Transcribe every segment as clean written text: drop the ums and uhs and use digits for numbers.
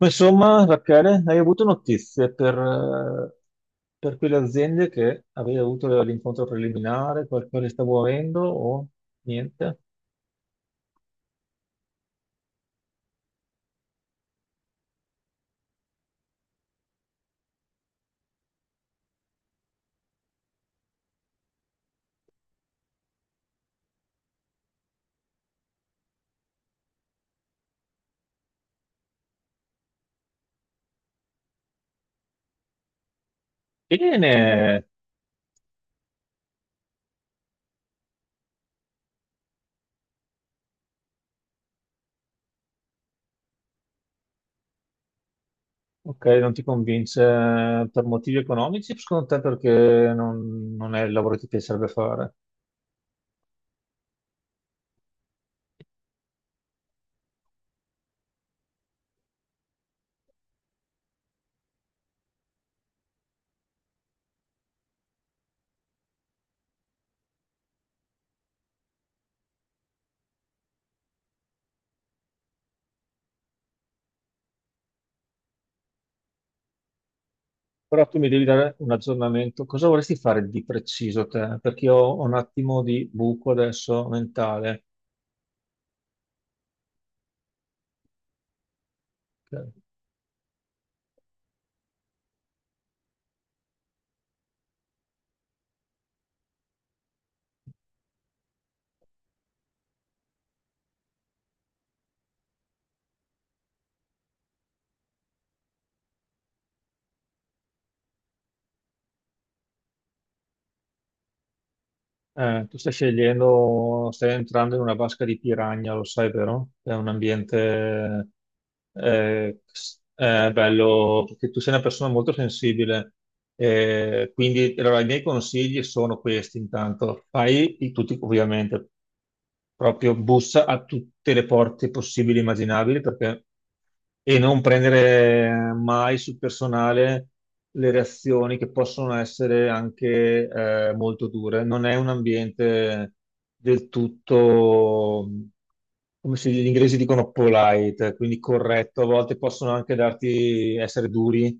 Ma insomma, Rachele, hai avuto notizie per quelle aziende che avevi avuto l'incontro preliminare, qualcosa sta muovendo o niente? Bene, ok, non ti convince per motivi economici, secondo te perché non è il lavoro che ti piacerebbe fare. Però tu mi devi dare un aggiornamento, cosa vorresti fare di preciso te? Perché io ho un attimo di buco adesso mentale. Ok. Tu stai scegliendo, stai entrando in una vasca di piranha, lo sai, vero? È un ambiente bello, perché tu sei una persona molto sensibile. Quindi, allora, i miei consigli sono questi, intanto. Fai tutti, ovviamente, proprio bussa a tutte le porte possibili e immaginabili, perché. E non prendere mai sul personale le reazioni che possono essere anche molto dure. Non è un ambiente del tutto, come se gli inglesi dicono polite, quindi corretto. A volte possono anche darti, essere duri.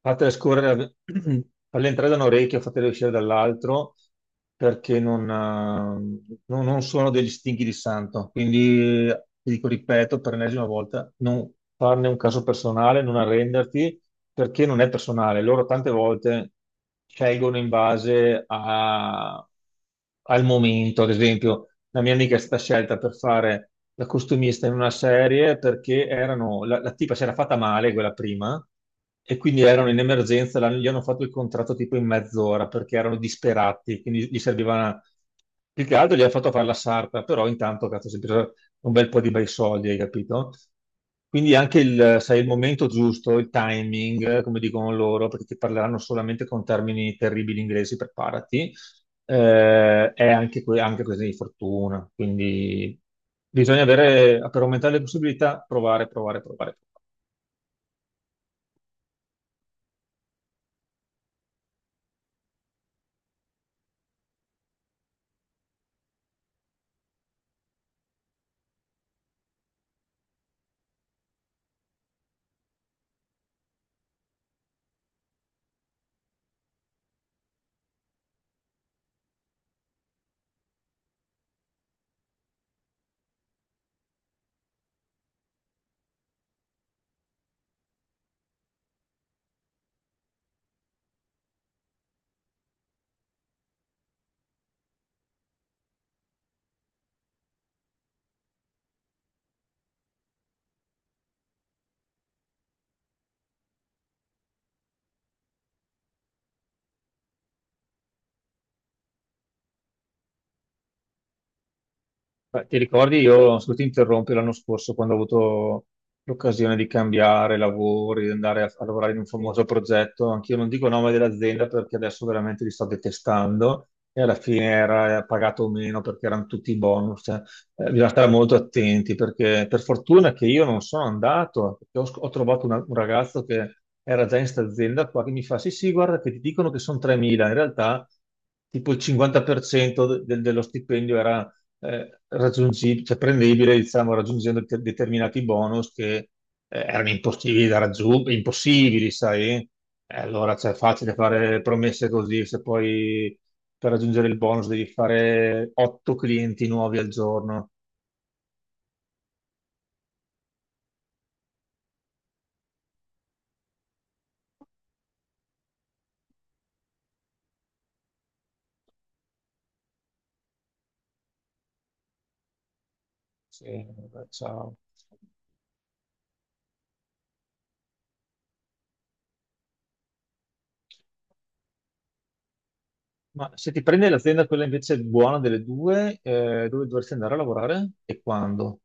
Fatele scorrere, farle entrare da un orecchio, fatele uscire dall'altro, perché non sono degli stinchi di santo. Quindi, ti dico, ripeto, per l'ennesima volta, non farne un caso personale, non arrenderti, perché non è personale. Loro tante volte scelgono in base al momento, ad esempio la mia amica è stata scelta per fare la costumista in una serie perché erano, la tipa si era fatta male quella prima e quindi erano in emergenza, gli hanno fatto il contratto tipo in mezz'ora perché erano disperati, quindi gli serviva più che altro gli hanno fatto fare la sarta, però intanto cazzo, si è preso un bel po' di bei soldi, hai capito? Quindi anche il, sai, il momento giusto, il timing, come dicono loro, perché ti parleranno solamente con termini terribili inglesi, preparati. È anche, anche questione di fortuna, quindi bisogna avere, per aumentare le possibilità, provare, provare, provare. Beh, ti ricordi, io se ti interrompi l'anno scorso quando ho avuto l'occasione di cambiare lavori, di andare a, a lavorare in un famoso progetto, anch'io non dico nome dell'azienda perché adesso veramente li sto detestando e alla fine era pagato meno perché erano tutti bonus, cioè, bisogna stare molto attenti perché per fortuna che io non sono andato, perché ho trovato un ragazzo che era già in sta azienda qua che mi fa sì sì guarda che ti dicono che sono 3.000, in realtà tipo il 50% dello stipendio era raggiungibile, cioè prendibile, diciamo, raggiungendo determinati bonus che erano impossibili da raggiungere, impossibili, sai? E allora, cioè, è facile fare promesse così, se poi per raggiungere il bonus devi fare otto clienti nuovi al giorno. Sì, vabbè, ciao. Ma se ti prende l'azienda quella invece buona delle due, dove dovresti andare a lavorare e quando?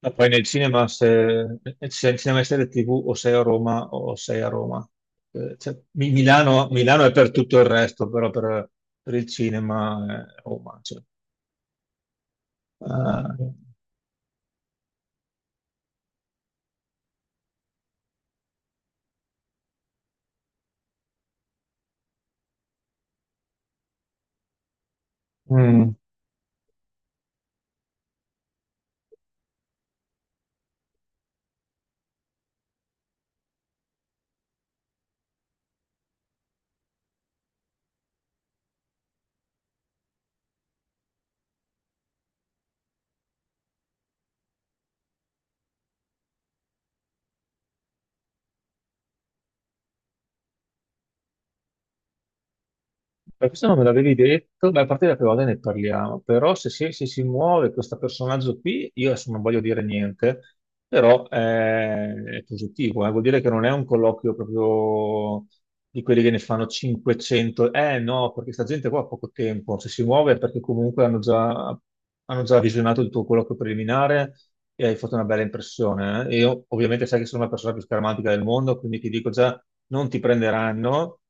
Ma poi nel cinema, se al cinema e serie TV o sei a Roma o sei a Roma. Cioè, Milano è per tutto il resto, però per il cinema è Roma. Cioè. Eh, mm. Per questo non me l'avevi detto, beh, a parte la prima volta ne parliamo, però se si muove questo personaggio qui, io adesso non voglio dire niente, però, è positivo, vuol dire che non è un colloquio proprio di quelli che ne fanno 500, eh no, perché sta gente qua ha poco tempo, se si muove è perché comunque hanno già visionato il tuo colloquio preliminare e hai fatto una bella impressione, eh. Io ovviamente sai che sono la persona più scaramantica del mondo, quindi ti dico già, non ti prenderanno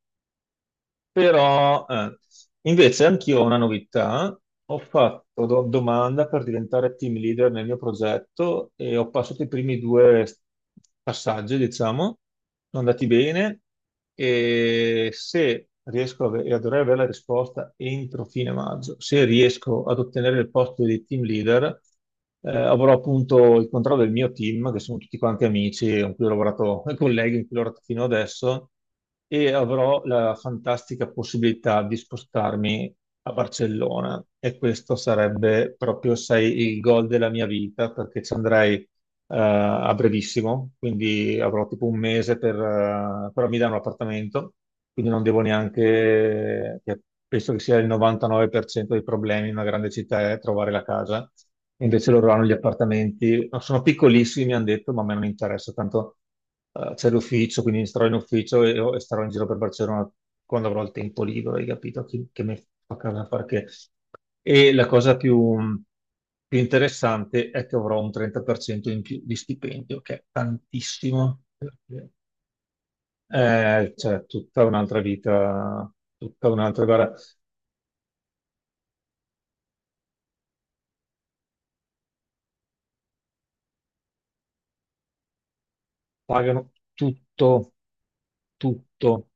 però, invece, anch'io ho una novità. Ho fatto domanda per diventare team leader nel mio progetto e ho passato i primi due passaggi, diciamo, sono andati bene e se riesco e dovrei avere la risposta entro fine maggio, se riesco ad ottenere il posto di team leader, avrò appunto il controllo del mio team, che sono tutti quanti amici con cui ho lavorato, colleghi con cui ho lavorato fino adesso e avrò la fantastica possibilità di spostarmi a Barcellona e questo sarebbe proprio, sai, il goal della mia vita perché ci andrei a brevissimo, quindi avrò tipo un mese per affittare un appartamento, quindi non devo neanche, che penso che sia il 99% dei problemi in una grande città è trovare la casa, invece loro hanno gli appartamenti, no, sono piccolissimi, mi hanno detto, ma a me non interessa, tanto c'è l'ufficio, quindi starò in ufficio e starò in giro per Barcellona quando avrò il tempo libero, hai capito? Che, mi fa casa a fare che. E la cosa più interessante è che avrò un 30% in più di stipendio, che è tantissimo. Cioè, tutta un'altra vita, tutta un'altra, guarda, pagano tutto, tutto.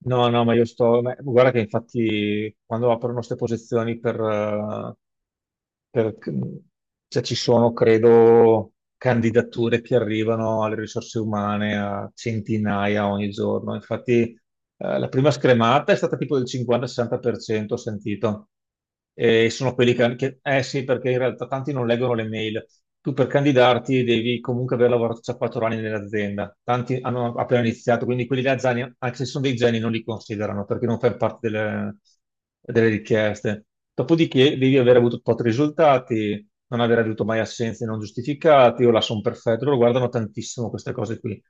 No, no, ma io sto, guarda che infatti quando aprono queste posizioni per, per- cioè, ci sono, credo, candidature che arrivano alle risorse umane a centinaia ogni giorno. Infatti, la prima scremata è stata tipo del 50-60%, ho sentito. E sono quelli eh sì, perché in realtà tanti non leggono le mail. Tu per candidarti devi comunque aver lavorato già 4 anni nell'azienda. Tanti hanno appena iniziato, quindi quelli là, già, anche se sono dei geni, non li considerano perché non fanno parte delle richieste. Dopodiché devi aver avuto tot risultati, non aver avuto mai assenze non giustificate, o la son perfetto, loro guardano tantissimo queste cose qui.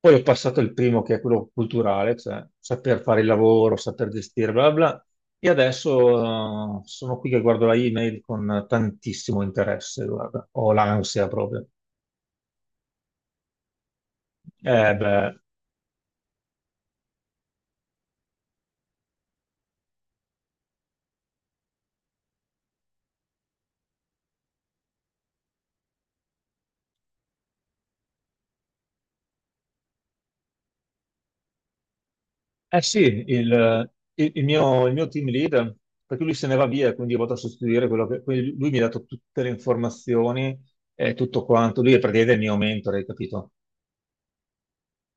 Poi ho passato il primo, che è quello culturale, cioè saper fare il lavoro, saper gestire, bla bla. Bla. E adesso sono qui che guardo la email con tantissimo interesse, guarda. Ho l'ansia proprio. Beh. Eh sì, il mio team leader, perché lui se ne va via, quindi io vado a sostituire quello che. Quindi lui mi ha dato tutte le informazioni e tutto quanto. Lui è praticamente il mio mentore, hai capito?